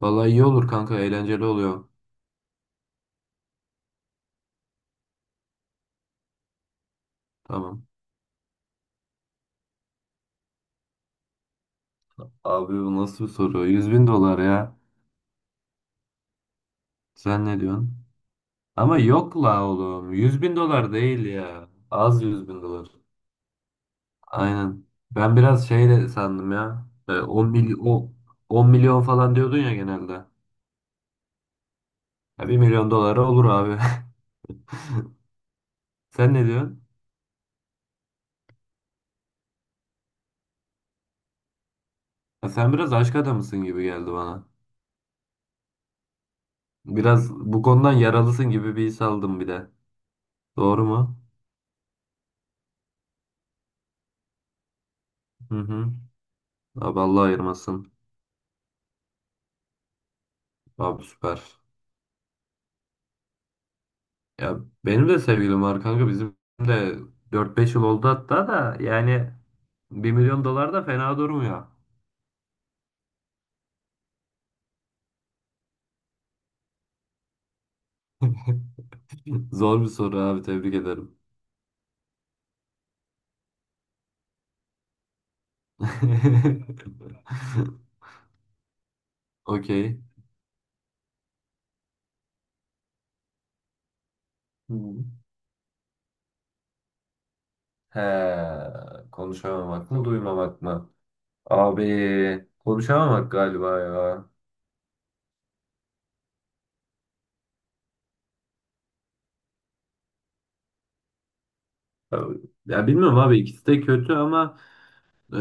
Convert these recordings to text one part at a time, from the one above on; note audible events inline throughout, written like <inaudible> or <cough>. Vallahi iyi olur kanka eğlenceli oluyor. Tamam. Abi bu nasıl bir soru? Yüz bin dolar ya. Sen ne diyorsun? Ama yok la oğlum. Yüz bin dolar değil ya. Az 100 bin dolar. Aynen. Ben biraz şey de sandım ya. 10 milyon falan diyordun ya genelde. Ya 1 milyon dolara olur abi. <laughs> Sen ne diyorsun? Ya sen biraz aşk adamısın gibi geldi bana. Biraz bu konudan yaralısın gibi bir his aldım bir de. Doğru mu? Hı hı. Abi Allah ayırmasın. Abi süper. Ya benim de sevgilim var kanka bizim de 4-5 yıl oldu hatta da yani bir milyon dolar da fena durmuyor. <laughs> Zor bir soru abi tebrik ederim. <laughs> Okey. Hı. He, konuşamamak mı duymamak mı? Abi konuşamamak galiba ya. Ya bilmiyorum abi ikisi de kötü ama e,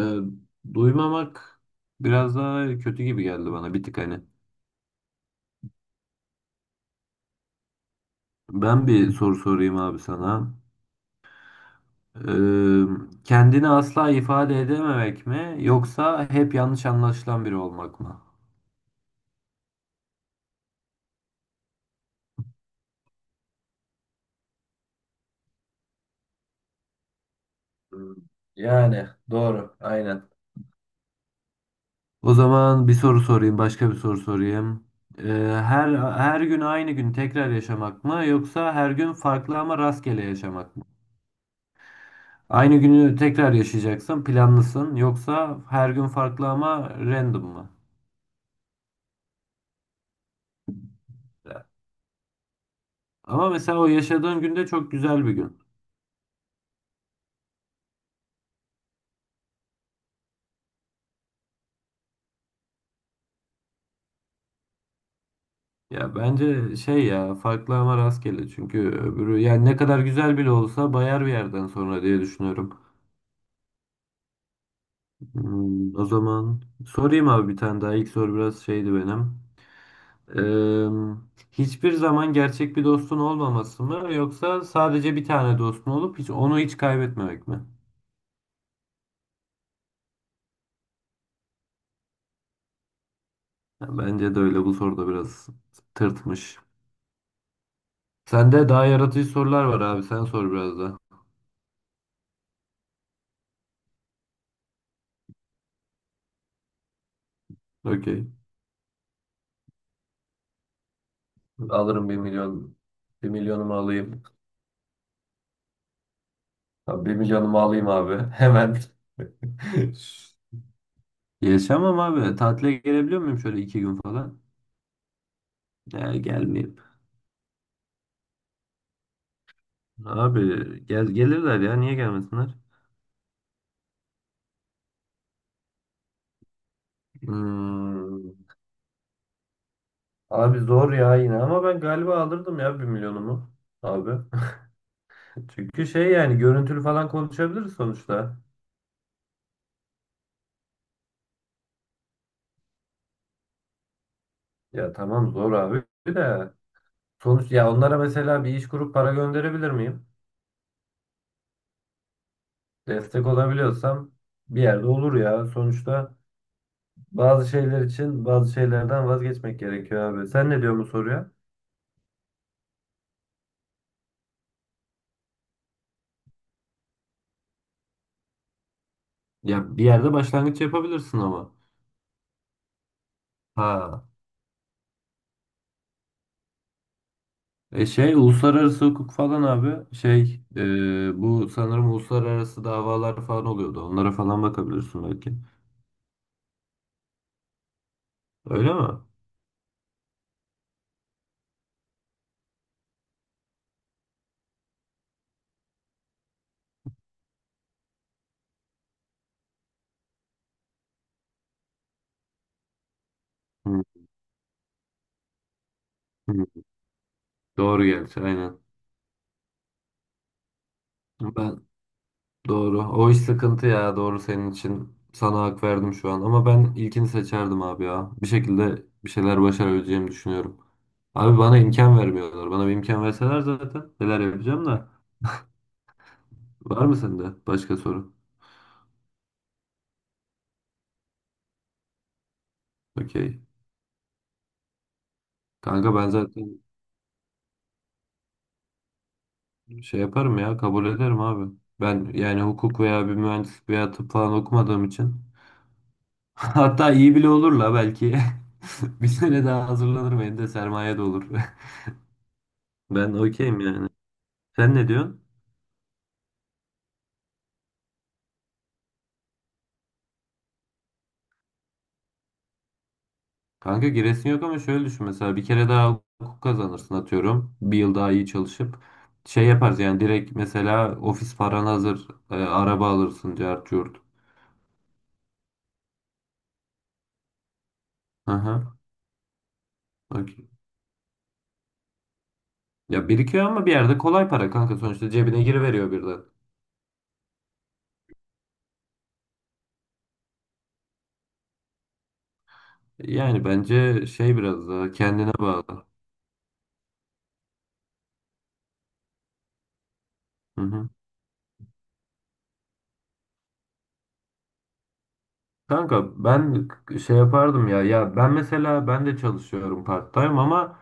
duymamak biraz daha kötü gibi geldi bana bir tık hani. Ben bir soru sorayım abi sana. Eee, kendini asla ifade edememek mi yoksa hep yanlış anlaşılan biri olmak mı? Hmm. Yani doğru. Aynen. O zaman bir soru sorayım, başka bir soru sorayım. Eee, her gün aynı gün tekrar yaşamak mı yoksa her gün farklı ama rastgele yaşamak mı? Aynı günü tekrar yaşayacaksın, planlısın yoksa her gün farklı ama random mı? Ama mesela o yaşadığın günde çok güzel bir gün. Ya bence şey ya farklı ama rastgele çünkü öbürü yani ne kadar güzel bile olsa bayar bir yerden sonra diye düşünüyorum. O zaman sorayım abi bir tane daha ilk soru biraz şeydi benim. Hiçbir zaman gerçek bir dostun olmaması mı yoksa sadece bir tane dostun olup hiç onu hiç kaybetmemek mi? Ya bence de öyle bu soruda biraz tırtmış. Sende daha yaratıcı sorular var abi sen sor biraz da. Okey. Alırım bir milyon. Bir milyonumu alayım. Tamam, bir milyonumu alayım abi. Hemen. <laughs> Yaşamam abi. Tatile gelebiliyor muyum şöyle iki gün falan? Ya gelmeyeyim. Abi gel gelirler ya. Niye gelmesinler? Hmm. Abi zor ya yine ama ben galiba alırdım ya bir milyonumu abi. <laughs> Çünkü şey yani görüntülü falan konuşabiliriz sonuçta. Ya tamam zor abi de sonuç ya onlara mesela bir iş kurup para gönderebilir miyim? Destek olabiliyorsam bir yerde olur ya sonuçta. Bazı şeyler için bazı şeylerden vazgeçmek gerekiyor abi. Sen ne diyorsun bu soruya? Ya bir yerde başlangıç yapabilirsin ama. Ha. E şey uluslararası hukuk falan abi şey bu sanırım uluslararası davalar falan oluyordu. Onlara falan bakabilirsin belki. Öyle mi? Hı, hı. Doğru geldi aynen. Ben Doğru. O iş sıkıntı ya. Doğru senin için. Sana hak verdim şu an. Ama ben ilkini seçerdim abi ya. Bir şekilde bir şeyler başarabileceğimi düşünüyorum. Abi bana imkan vermiyorlar. Bana bir imkan verseler zaten neler yapacağım da. Var mı sende başka soru? Okey. Kanka ben zaten şey yaparım ya. Kabul ederim abi. Ben yani hukuk veya bir mühendislik veya tıp falan okumadığım için. <laughs> Hatta iyi bile olur la belki. <laughs> Bir sene daha hazırlanırım. Elimde sermaye de olur. <laughs> Ben okeyim yani. Sen ne diyorsun? Kanka giresin yok ama şöyle düşün mesela bir kere daha hukuk kazanırsın atıyorum. Bir yıl daha iyi çalışıp şey yaparız yani direkt mesela ofis paran hazır araba alırsın cart curt. Aha, okey. Ya birikiyor ama bir yerde kolay para kanka sonuçta cebine giriveriyor birden. Yani bence şey biraz daha kendine bağlı. Hı hı. Kanka ben şey yapardım ya. Ya ben mesela ben de çalışıyorum part-time ama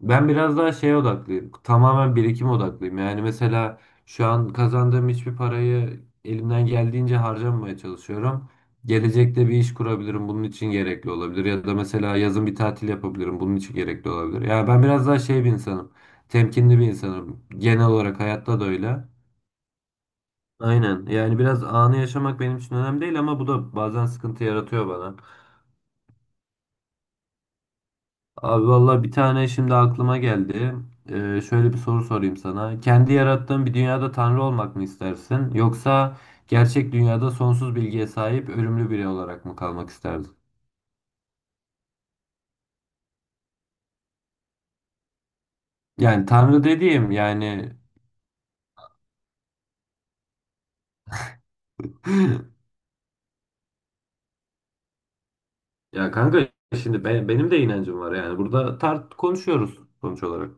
ben biraz daha şeye odaklıyım. Tamamen birikim odaklıyım. Yani mesela şu an kazandığım hiçbir parayı elimden geldiğince harcamamaya çalışıyorum. Gelecekte bir iş kurabilirim. Bunun için gerekli olabilir. Ya da mesela yazın bir tatil yapabilirim. Bunun için gerekli olabilir. Yani ben biraz daha şey bir insanım. Temkinli bir insanım. Genel olarak hayatta da öyle. Aynen. Yani biraz anı yaşamak benim için önemli değil ama bu da bazen sıkıntı yaratıyor bana. Abi valla bir tane şimdi aklıma geldi. Şöyle bir soru sorayım sana. Kendi yarattığın bir dünyada tanrı olmak mı istersin? Yoksa gerçek dünyada sonsuz bilgiye sahip ölümlü biri olarak mı kalmak isterdin? Yani tanrı dediğim yani... <laughs> Ya kanka şimdi benim de inancım var yani. Burada tart konuşuyoruz sonuç olarak.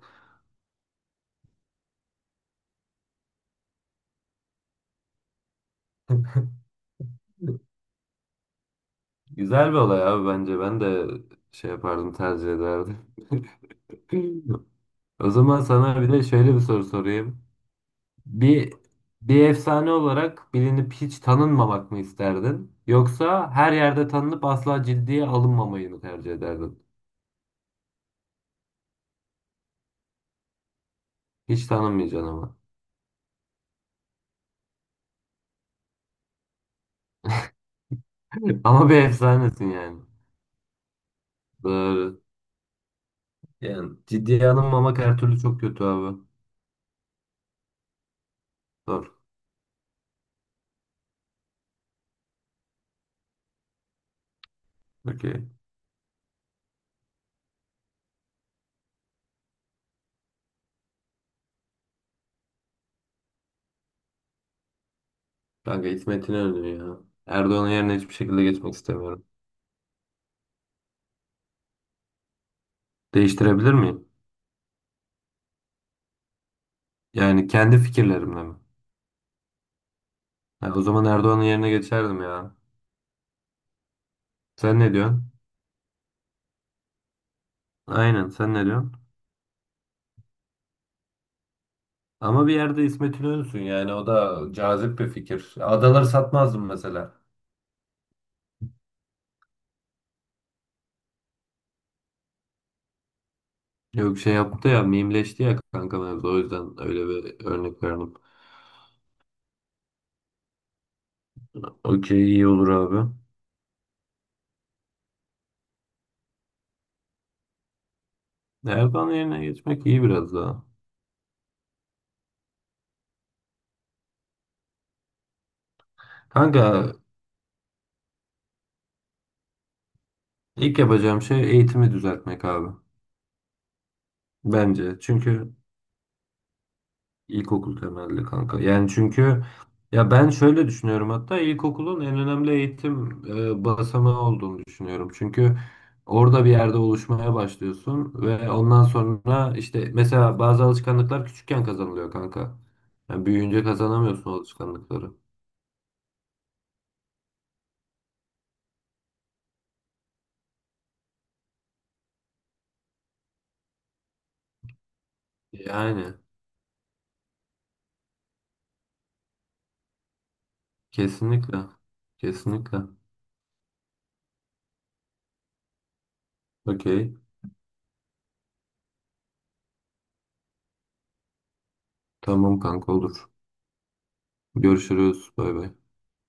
Güzel bir olay abi bence. Ben de şey yapardım tercih ederdim. <laughs> O zaman sana bir de şöyle bir soru sorayım. Bir bir efsane olarak bilinip hiç tanınmamak mı isterdin? Yoksa her yerde tanınıp asla ciddiye alınmamayı mı tercih ederdin? Hiç tanınmayacaksın ama. <laughs> Ama bir efsanesin yani. Doğru. Yani ciddiye alınmamak her türlü çok kötü abi. Doğru. Okey. Kanka İsmet İnönü ya. Erdoğan'ın yerine hiçbir şekilde geçmek istemiyorum. Değiştirebilir miyim? Yani kendi fikirlerimle mi? Ha, o zaman Erdoğan'ın yerine geçerdim ya. Sen ne diyorsun? Aynen sen ne diyorsun? Ama bir yerde İsmet İnönü'sün yani o da cazip bir fikir. Adaları satmazdım mesela. Yok şey yaptı ya mimleşti ya kanka mevzu o yüzden öyle bir örnek verdim. Okey iyi olur abi. Erdoğan yerine geçmek iyi biraz daha. Kanka ilk yapacağım şey eğitimi düzeltmek abi. Bence çünkü İlkokul temelli kanka. Yani çünkü ya ben şöyle düşünüyorum hatta ilkokulun en önemli eğitim basamağı olduğunu düşünüyorum. Çünkü orada bir yerde oluşmaya başlıyorsun ve ondan sonra işte mesela bazı alışkanlıklar küçükken kazanılıyor kanka. Yani büyüyünce kazanamıyorsun o alışkanlıkları. Yani kesinlikle. Kesinlikle. Okey. Tamam kanka olur. Görüşürüz. Bay bay.